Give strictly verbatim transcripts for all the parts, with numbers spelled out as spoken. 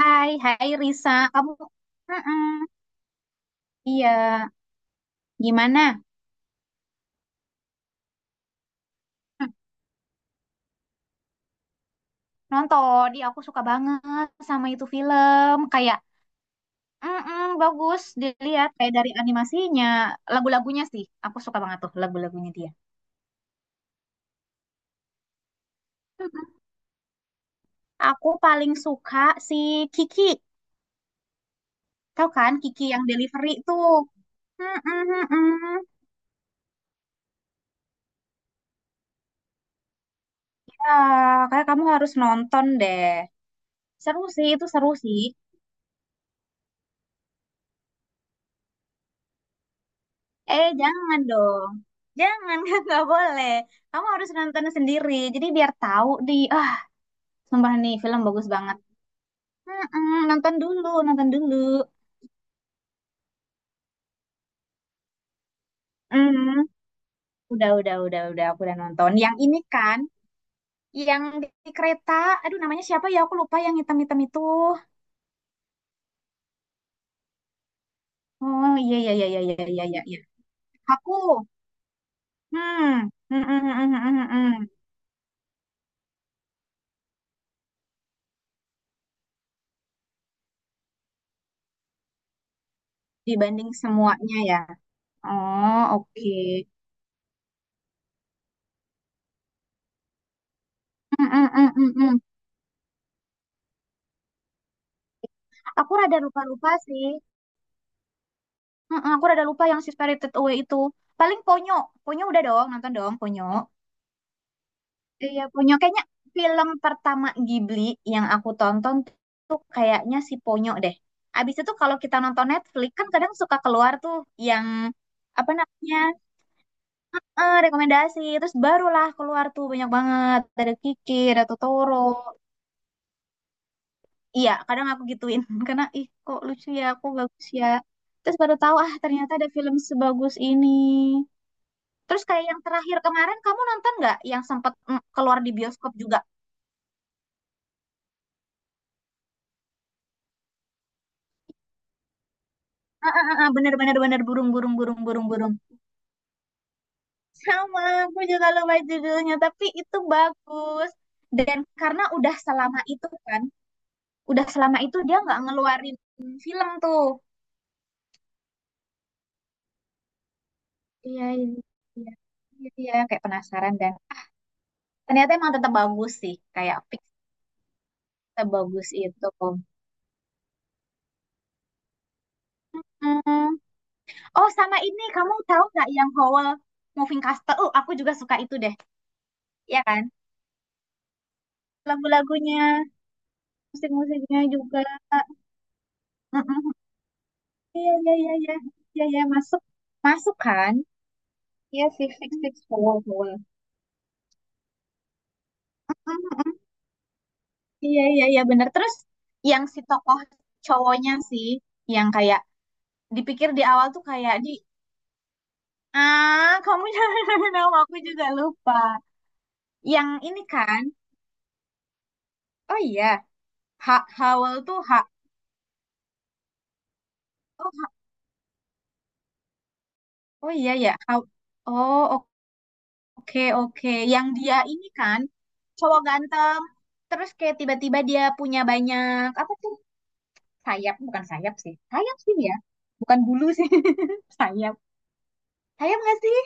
Hai, hai Risa, kamu, Mm-mm. Iya, gimana? Hmm, nonton, di aku suka banget sama itu film, kayak, mm bagus dilihat kayak dari animasinya, lagu-lagunya sih, aku suka banget tuh lagu-lagunya dia. Mm-mm. Aku paling suka si Kiki, tau kan Kiki yang delivery tuh. Mm-mm-mm-mm. Ya, kayak kamu harus nonton deh. Seru sih, itu seru sih. Eh, jangan dong. Jangan, nggak boleh. Kamu harus nonton sendiri. Jadi biar tahu di, ah, sumpah nih film bagus banget. Mm-mm, nonton dulu, nonton dulu. Mm, udah, udah, udah, udah. Aku udah nonton. Yang ini kan, yang di, di kereta. Aduh, namanya siapa ya? Aku lupa yang hitam-hitam itu. Oh, iya, iya, iya, iya, iya, iya, iya, iya. Aku, hmm, mm, mm, mm, mm, mm, mm. Dibanding semuanya ya. Oh, oke. Mm, mm, mm, mm, mm. Aku rada lupa-lupa sih. Mm-mm, aku rada lupa yang si Spirited Away itu. Paling Ponyo. Ponyo udah dong, nonton dong Ponyo. Iya, Ponyo. Kayaknya film pertama Ghibli yang aku tonton tuh kayaknya si Ponyo deh. Abis itu kalau kita nonton Netflix kan kadang suka keluar tuh yang apa namanya eh, rekomendasi. Terus barulah keluar tuh banyak banget. Ada Kiki, ada Totoro. Iya, kadang aku gituin karena ih kok lucu ya, kok bagus ya. Terus baru tahu ah ternyata ada film sebagus ini. Terus kayak yang terakhir kemarin kamu nonton nggak yang sempat mm, keluar di bioskop juga? Ah, ah, bener bener bener burung burung burung burung burung. Sama, aku juga lupa judulnya, tapi itu bagus. Dan karena udah selama itu kan, udah selama itu dia nggak ngeluarin film tuh. Iya, iya, iya, iya, iya, kayak penasaran dan ternyata emang tetap bagus sih, kayak fix tetap bagus itu. Hmm. Oh, sama ini kamu tahu nggak yang Howell Moving Castle? Uh, aku juga suka itu deh, ya kan? Lagu-lagunya, musik-musiknya juga. Mm-mm. Iya, iya, iya, iya, iya, iya, masuk, masuk kan? Iya sih, fix, fix, boleh, boleh. Mm-mm. Iya, iya, iya, bener. Terus yang si tokoh cowoknya sih, yang kayak dipikir di awal tuh kayak di, ah, kamu jangan, nama aku juga lupa. Yang ini kan, oh iya, ha Howell tuh, ha, oh, ha- oh iya ya, How, oh oke, Oke, oke. Yang dia ini kan cowok ganteng. Terus kayak tiba-tiba dia punya banyak apa tuh? Sayap, bukan sayap sih. Sayap sih ya. Bukan bulu sih. Sayap. Sayap nggak sih?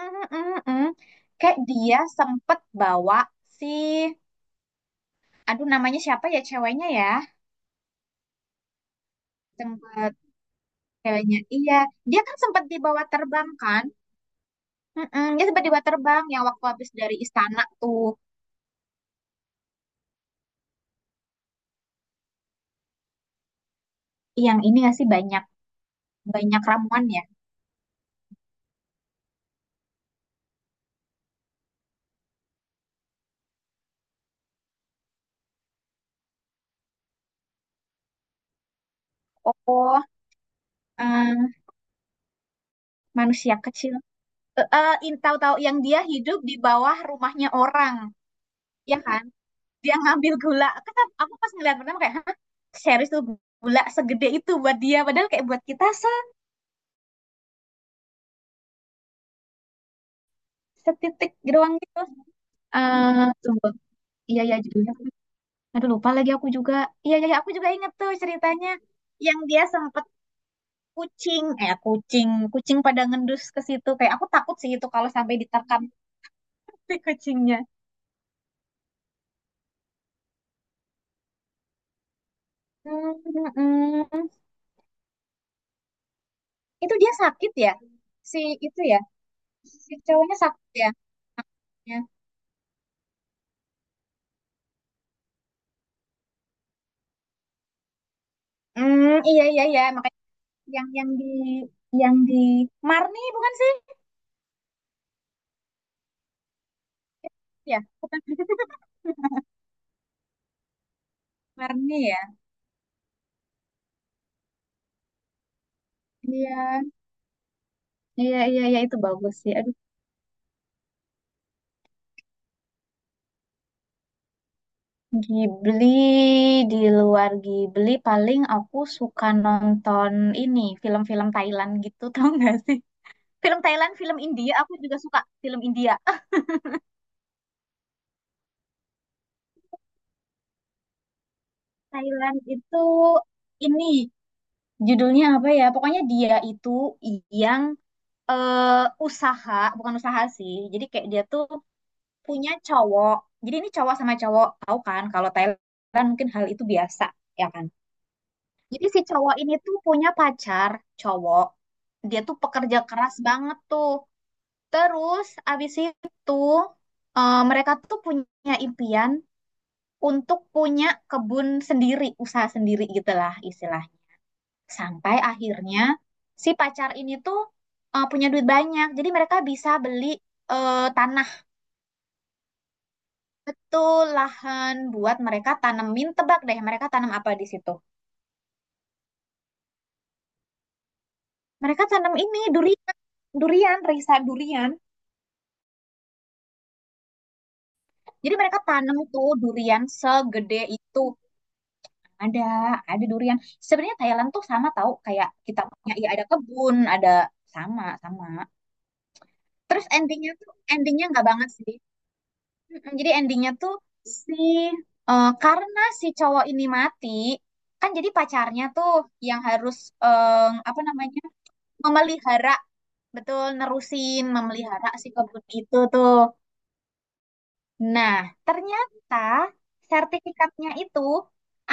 Mm, mm, mm. Kayak dia sempet bawa si aduh, namanya siapa ya ceweknya ya? Sempet ceweknya. Iya, dia kan sempet dibawa terbang kan? Mm-mm, dia sempet dibawa terbang yang waktu habis dari istana tuh. Yang ini nggak sih, banyak banyak ramuan ya? Oh, eh, manusia kecil, eh eh, in- tahu-tahu yang dia hidup di bawah rumahnya orang, ya kan? Dia ngambil gula kan, aku pas ngeliat pertama kayak, "Hah, serius tuh gula segede itu buat dia, padahal kayak buat kita se setitik doang gitu." Eh tunggu, iya iya judulnya apa? Aduh, lupa lagi aku juga. Iya iya iya, aku juga inget tuh ceritanya. Yang dia sempet kucing eh kucing kucing pada ngendus ke situ, kayak aku takut sih itu kalau sampai diterkam. Kucingnya. Hmm, mm, mm. Itu dia sakit ya? Si itu ya? Si cowoknya sakit ya? Ya. Hmm, iya iya iya, makanya yang yang di yang di Marni bukan sih? Ya, bukan Marni ya. Iya. Iya iya iya, itu bagus sih. Aduh, Ghibli di luar Ghibli paling aku suka nonton ini film-film Thailand gitu tau gak sih? Film Thailand, film India, aku juga suka film India. Thailand itu ini judulnya apa ya? Pokoknya dia itu yang eh usaha, bukan usaha sih. Jadi kayak dia tuh punya cowok. Jadi ini cowok sama cowok, tahu kan? Kalau Thailand mungkin hal itu biasa, ya kan? Jadi si cowok ini tuh punya pacar cowok. Dia tuh pekerja keras banget tuh. Terus abis itu eh, mereka tuh punya impian untuk punya kebun sendiri, usaha sendiri gitulah istilah. Sampai akhirnya si pacar ini tuh eh, punya duit banyak. Jadi mereka bisa beli eh, tanah. Betul, lahan buat mereka tanemin. Tebak deh, mereka tanam apa di situ? Mereka tanam ini, durian. Durian, Risa, durian. Jadi mereka tanam tuh durian segede itu. Ada, ada durian. Sebenarnya Thailand tuh sama tahu kayak kita punya, ya ada kebun, ada, sama, sama. Terus endingnya tuh, endingnya nggak banget sih. Mm, Jadi endingnya tuh si eh, karena si cowok ini mati, kan jadi pacarnya tuh yang harus eh, apa namanya memelihara, betul nerusin memelihara si kebun itu tuh. Nah, ternyata sertifikatnya itu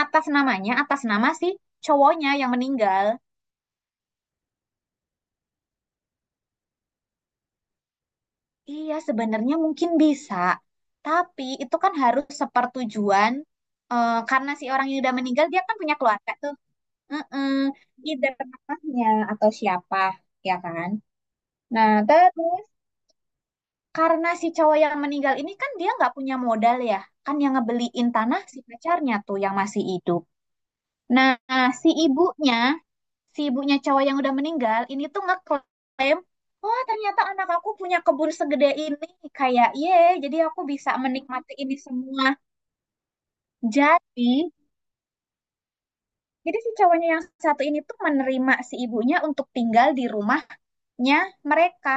atas namanya atas nama si cowoknya yang meninggal. Iya, sebenarnya mungkin bisa, tapi itu kan harus sepertujuan, eh, karena si orang yang udah meninggal dia kan punya keluarga tuh. mm Either mamahnya atau siapa, ya kan? Nah, terus karena si cowok yang meninggal ini kan dia nggak punya modal ya, kan yang ngebeliin tanah si pacarnya tuh yang masih hidup. Nah, si ibunya, si ibunya cowok yang udah meninggal ini tuh ngeklaim, oh ternyata anak aku punya kebun segede ini, kayak ye, jadi aku bisa menikmati ini semua. Jadi, jadi si cowoknya yang satu ini tuh menerima si ibunya untuk tinggal di rumahnya mereka.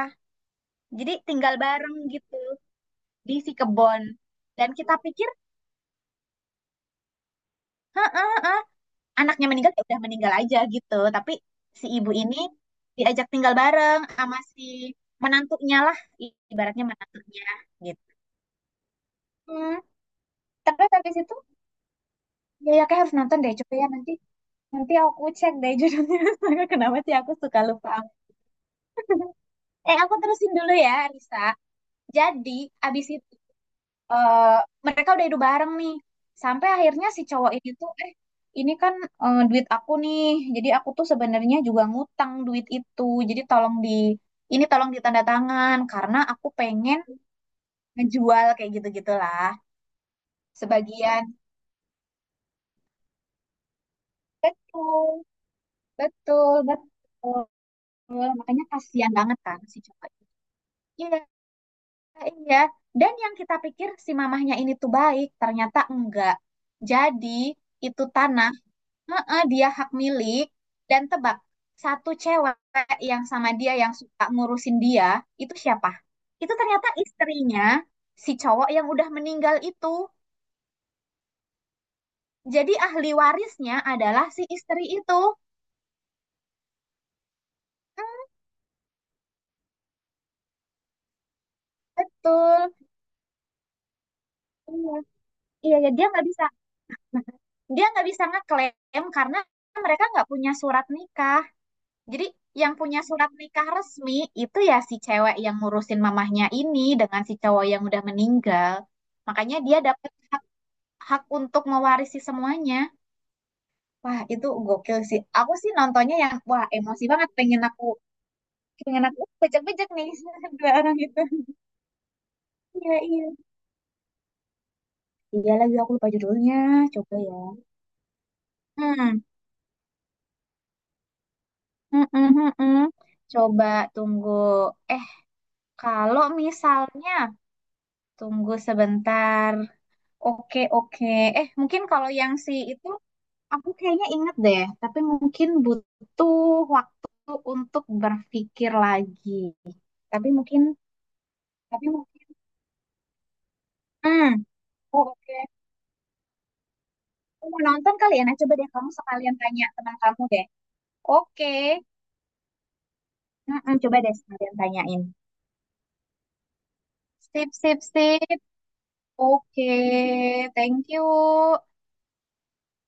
Jadi tinggal bareng gitu di si kebon. Dan kita pikir, "Hah, ah, ah, anaknya meninggal ya udah meninggal aja gitu." Tapi si ibu ini diajak tinggal bareng sama si menantunya lah, ibaratnya menantunya gitu. Hmm, Terus habis itu ya, ya kayak harus nonton deh, coba ya nanti, nanti aku cek deh judulnya. Kenapa sih aku suka lupa. Eh aku terusin dulu ya Risa, jadi abis itu eh, mereka udah hidup bareng nih. Sampai akhirnya si cowok ini tuh, eh ini kan, eh, duit aku nih. Jadi aku tuh sebenarnya juga ngutang duit itu. Jadi tolong di, ini tolong ditanda tangan karena aku pengen ngejual kayak gitu-gitulah. Sebagian betul, betul, betul. Makanya kasihan banget kan si cowok ini. Iya, iya. Dan yang kita pikir si mamahnya ini tuh baik, ternyata enggak. Jadi itu tanah, heeh, dia hak milik, dan tebak, satu cewek yang sama dia, yang suka ngurusin dia, itu siapa? Itu ternyata istrinya si cowok yang udah meninggal itu. Jadi ahli warisnya adalah si istri itu. Betul. Iya, iya ya, dia nggak bisa dia nggak bisa ngeklaim karena mereka nggak punya surat nikah. Jadi yang punya surat nikah resmi itu ya si cewek yang ngurusin mamahnya ini dengan si cowok yang udah meninggal. Makanya dia dapat hak untuk mewarisi semuanya. Wah, itu gokil sih. Aku sih nontonnya yang wah emosi banget, pengen aku pengen aku bejek-bejek nih dua orang itu. Iya, iya. Iya lagi aku lupa judulnya. Coba ya. Hmm. Hmm, hmm, hmm, hmm. Coba tunggu. Eh, kalau misalnya tunggu sebentar. Oke, oke. Eh, mungkin kalau yang si itu aku kayaknya inget deh, tapi mungkin butuh waktu untuk berpikir lagi. Tapi mungkin Tapi mungkin, hmm, oh, oke. Kamu mau nonton kali ya? Nah, coba deh kamu sekalian tanya teman kamu deh. Oke. Mm-mm, coba deh sekalian tanyain. Sip, sip, sip. Oke, thank you.